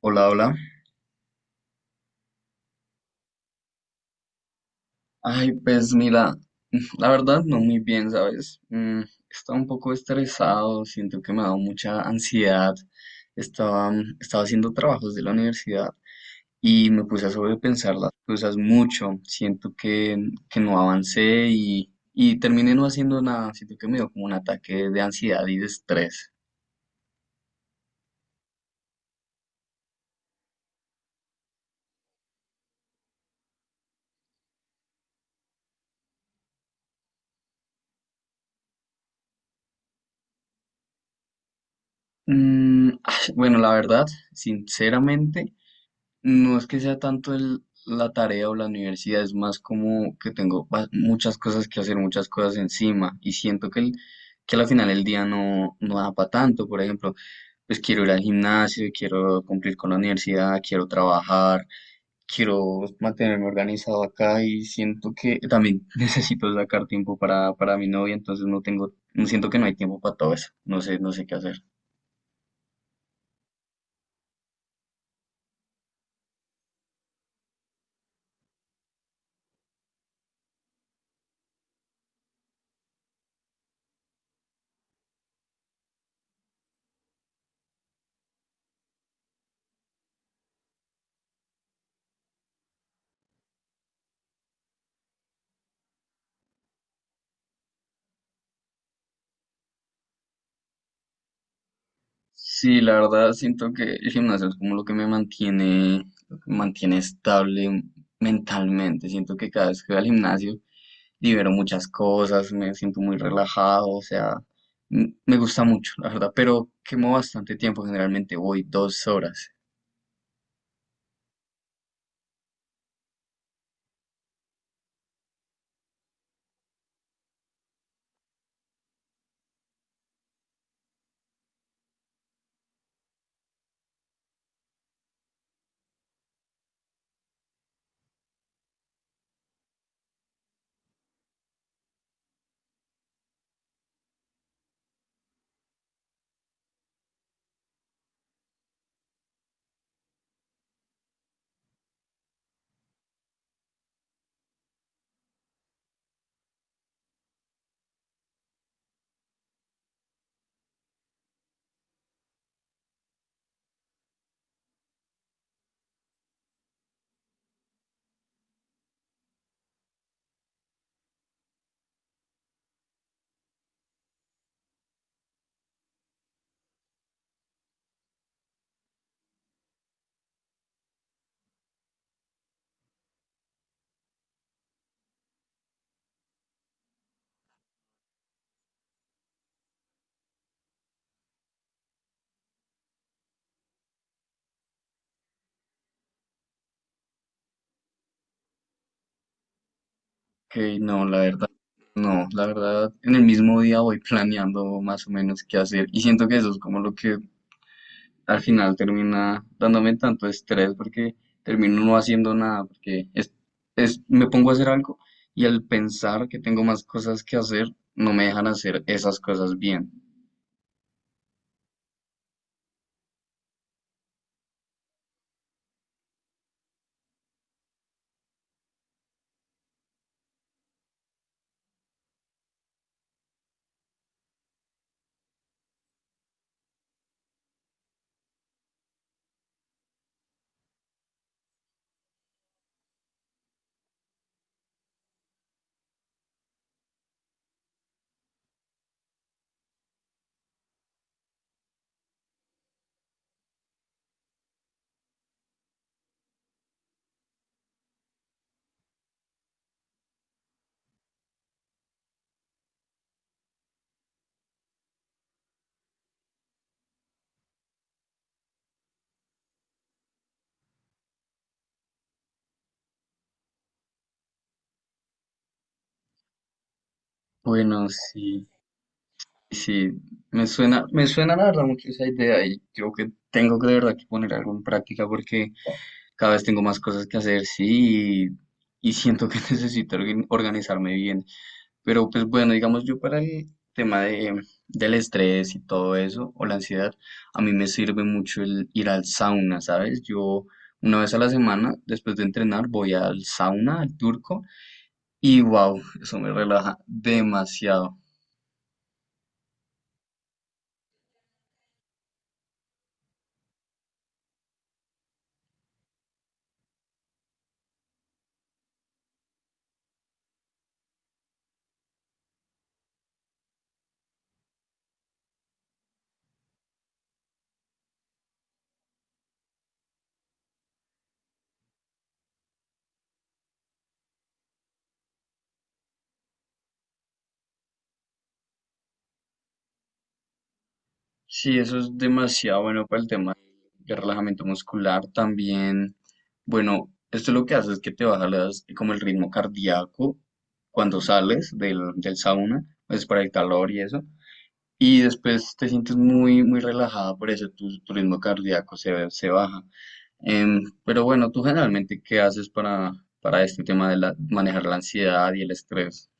Hola, hola. Ay, pues mira, la verdad no muy bien, ¿sabes? Mm, estaba un poco estresado, siento que me ha dado mucha ansiedad. Estaba, Estaba haciendo trabajos de la universidad y me puse a sobrepensar las cosas mucho. Siento que no avancé y terminé no haciendo nada. Siento que me dio como un ataque de ansiedad y de estrés. Mm, bueno, la verdad, sinceramente. No es que sea tanto la tarea o la universidad, es más como que tengo muchas cosas que hacer, muchas cosas encima y siento que al final el día no da para tanto. Por ejemplo, pues quiero ir al gimnasio, quiero cumplir con la universidad, quiero trabajar, quiero mantenerme organizado acá y siento que también necesito sacar tiempo para mi novia, entonces no tengo, no siento que no hay tiempo para todo eso, no sé, no sé qué hacer. Sí, la verdad siento que el gimnasio es como lo que me mantiene, lo que me mantiene estable mentalmente. Siento que cada vez que voy al gimnasio libero muchas cosas, me siento muy relajado, o sea, me gusta mucho, la verdad, pero quemo bastante tiempo, generalmente voy 2 horas, que no, la verdad, no, la verdad, en el mismo día voy planeando más o menos qué hacer y siento que eso es como lo que al final termina dándome tanto estrés porque termino no haciendo nada, porque me pongo a hacer algo y al pensar que tengo más cosas que hacer, no me dejan hacer esas cosas bien. Bueno, sí, sí, me suena la verdad mucho esa idea y creo que tengo que de verdad que poner algo en práctica porque cada vez tengo más cosas que hacer, sí, y siento que necesito organizarme bien. Pero pues bueno, digamos yo para el tema del estrés y todo eso, o la ansiedad, a mí me sirve mucho el ir al sauna, ¿sabes? Yo una vez a la semana, después de entrenar, voy al sauna, al turco, y wow, eso me relaja demasiado. Sí, eso es demasiado bueno para el tema de relajamiento muscular también. Bueno, esto lo que hace es que te baja como el ritmo cardíaco cuando sales del sauna, pues para el calor y eso. Y después te sientes muy relajada, por eso tu ritmo cardíaco se baja. Pero bueno, ¿tú generalmente qué haces para este tema de manejar la ansiedad y el estrés?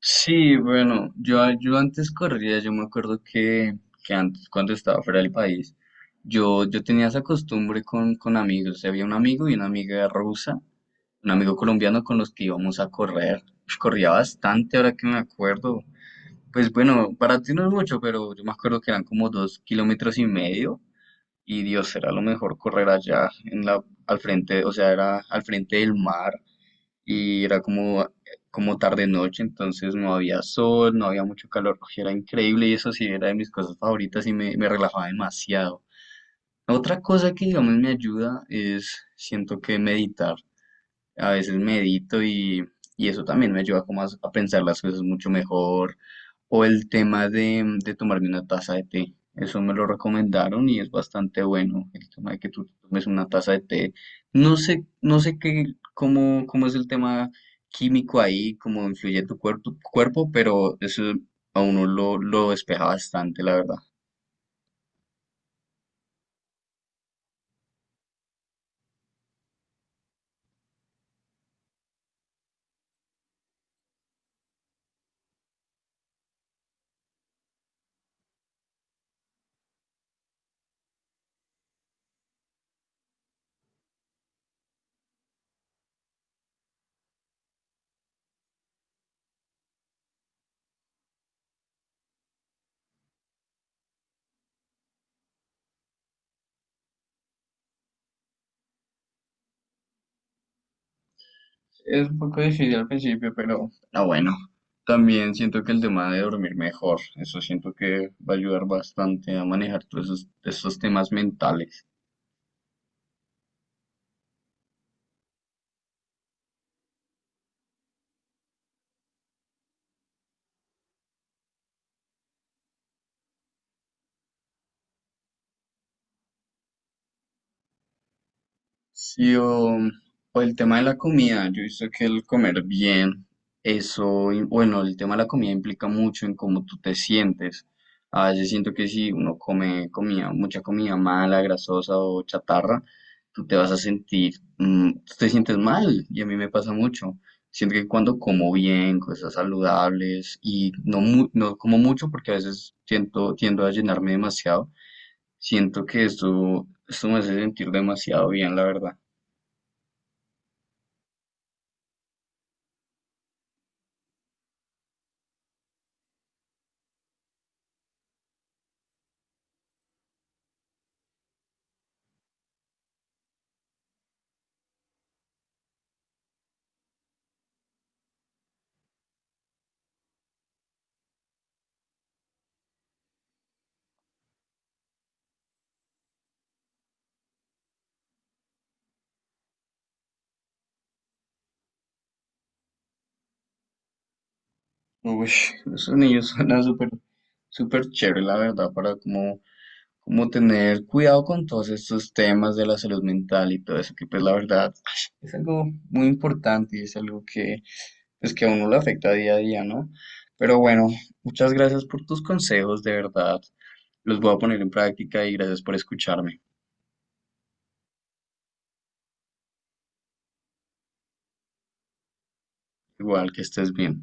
Sí, bueno, yo antes corría, yo me acuerdo que antes, cuando estaba fuera del país, yo tenía esa costumbre con amigos, o sea, había un amigo y una amiga rusa, un amigo colombiano con los que íbamos a correr. Corría bastante, ahora que me acuerdo. Pues bueno, para ti no es mucho, pero yo me acuerdo que eran como 2,5 kilómetros y Dios, era lo mejor correr allá en la, al frente, o sea, era al frente del mar y era como, como tarde noche, entonces no había sol, no había mucho calor, y era increíble y eso sí era de mis cosas favoritas y me relajaba demasiado. Otra cosa que digamos me ayuda es, siento que meditar. A veces medito y eso también me ayuda como a pensar las cosas mucho mejor. O el tema de tomarme una taza de té. Eso me lo recomendaron y es bastante bueno. El tema de que tú tomes una taza de té. No sé, no sé qué, cómo, cómo es el tema químico ahí, cómo influye tu cuerpo, pero eso a uno lo despeja bastante, la verdad. Es un poco difícil al principio, pero, ah, bueno. También siento que el tema de dormir mejor, eso siento que va a ayudar bastante a manejar todos esos temas mentales. Sí, o el tema de la comida, yo he visto que el comer bien, bueno, el tema de la comida implica mucho en cómo tú te sientes. A veces siento que si uno come comida, mucha comida mala, grasosa o chatarra, tú te vas a sentir, tú te sientes mal, y a mí me pasa mucho. Siento que cuando como bien, cosas saludables, y no, no como mucho porque a veces siento, tiendo a llenarme demasiado, siento que esto me hace sentir demasiado bien, la verdad. Uy, esos niños suenan súper, súper chévere, la verdad, para como, como tener cuidado con todos estos temas de la salud mental y todo eso, que pues la verdad es algo muy importante y es algo que, pues que a uno lo afecta día a día, ¿no? Pero bueno, muchas gracias por tus consejos, de verdad. Los voy a poner en práctica y gracias por escucharme. Igual que estés bien.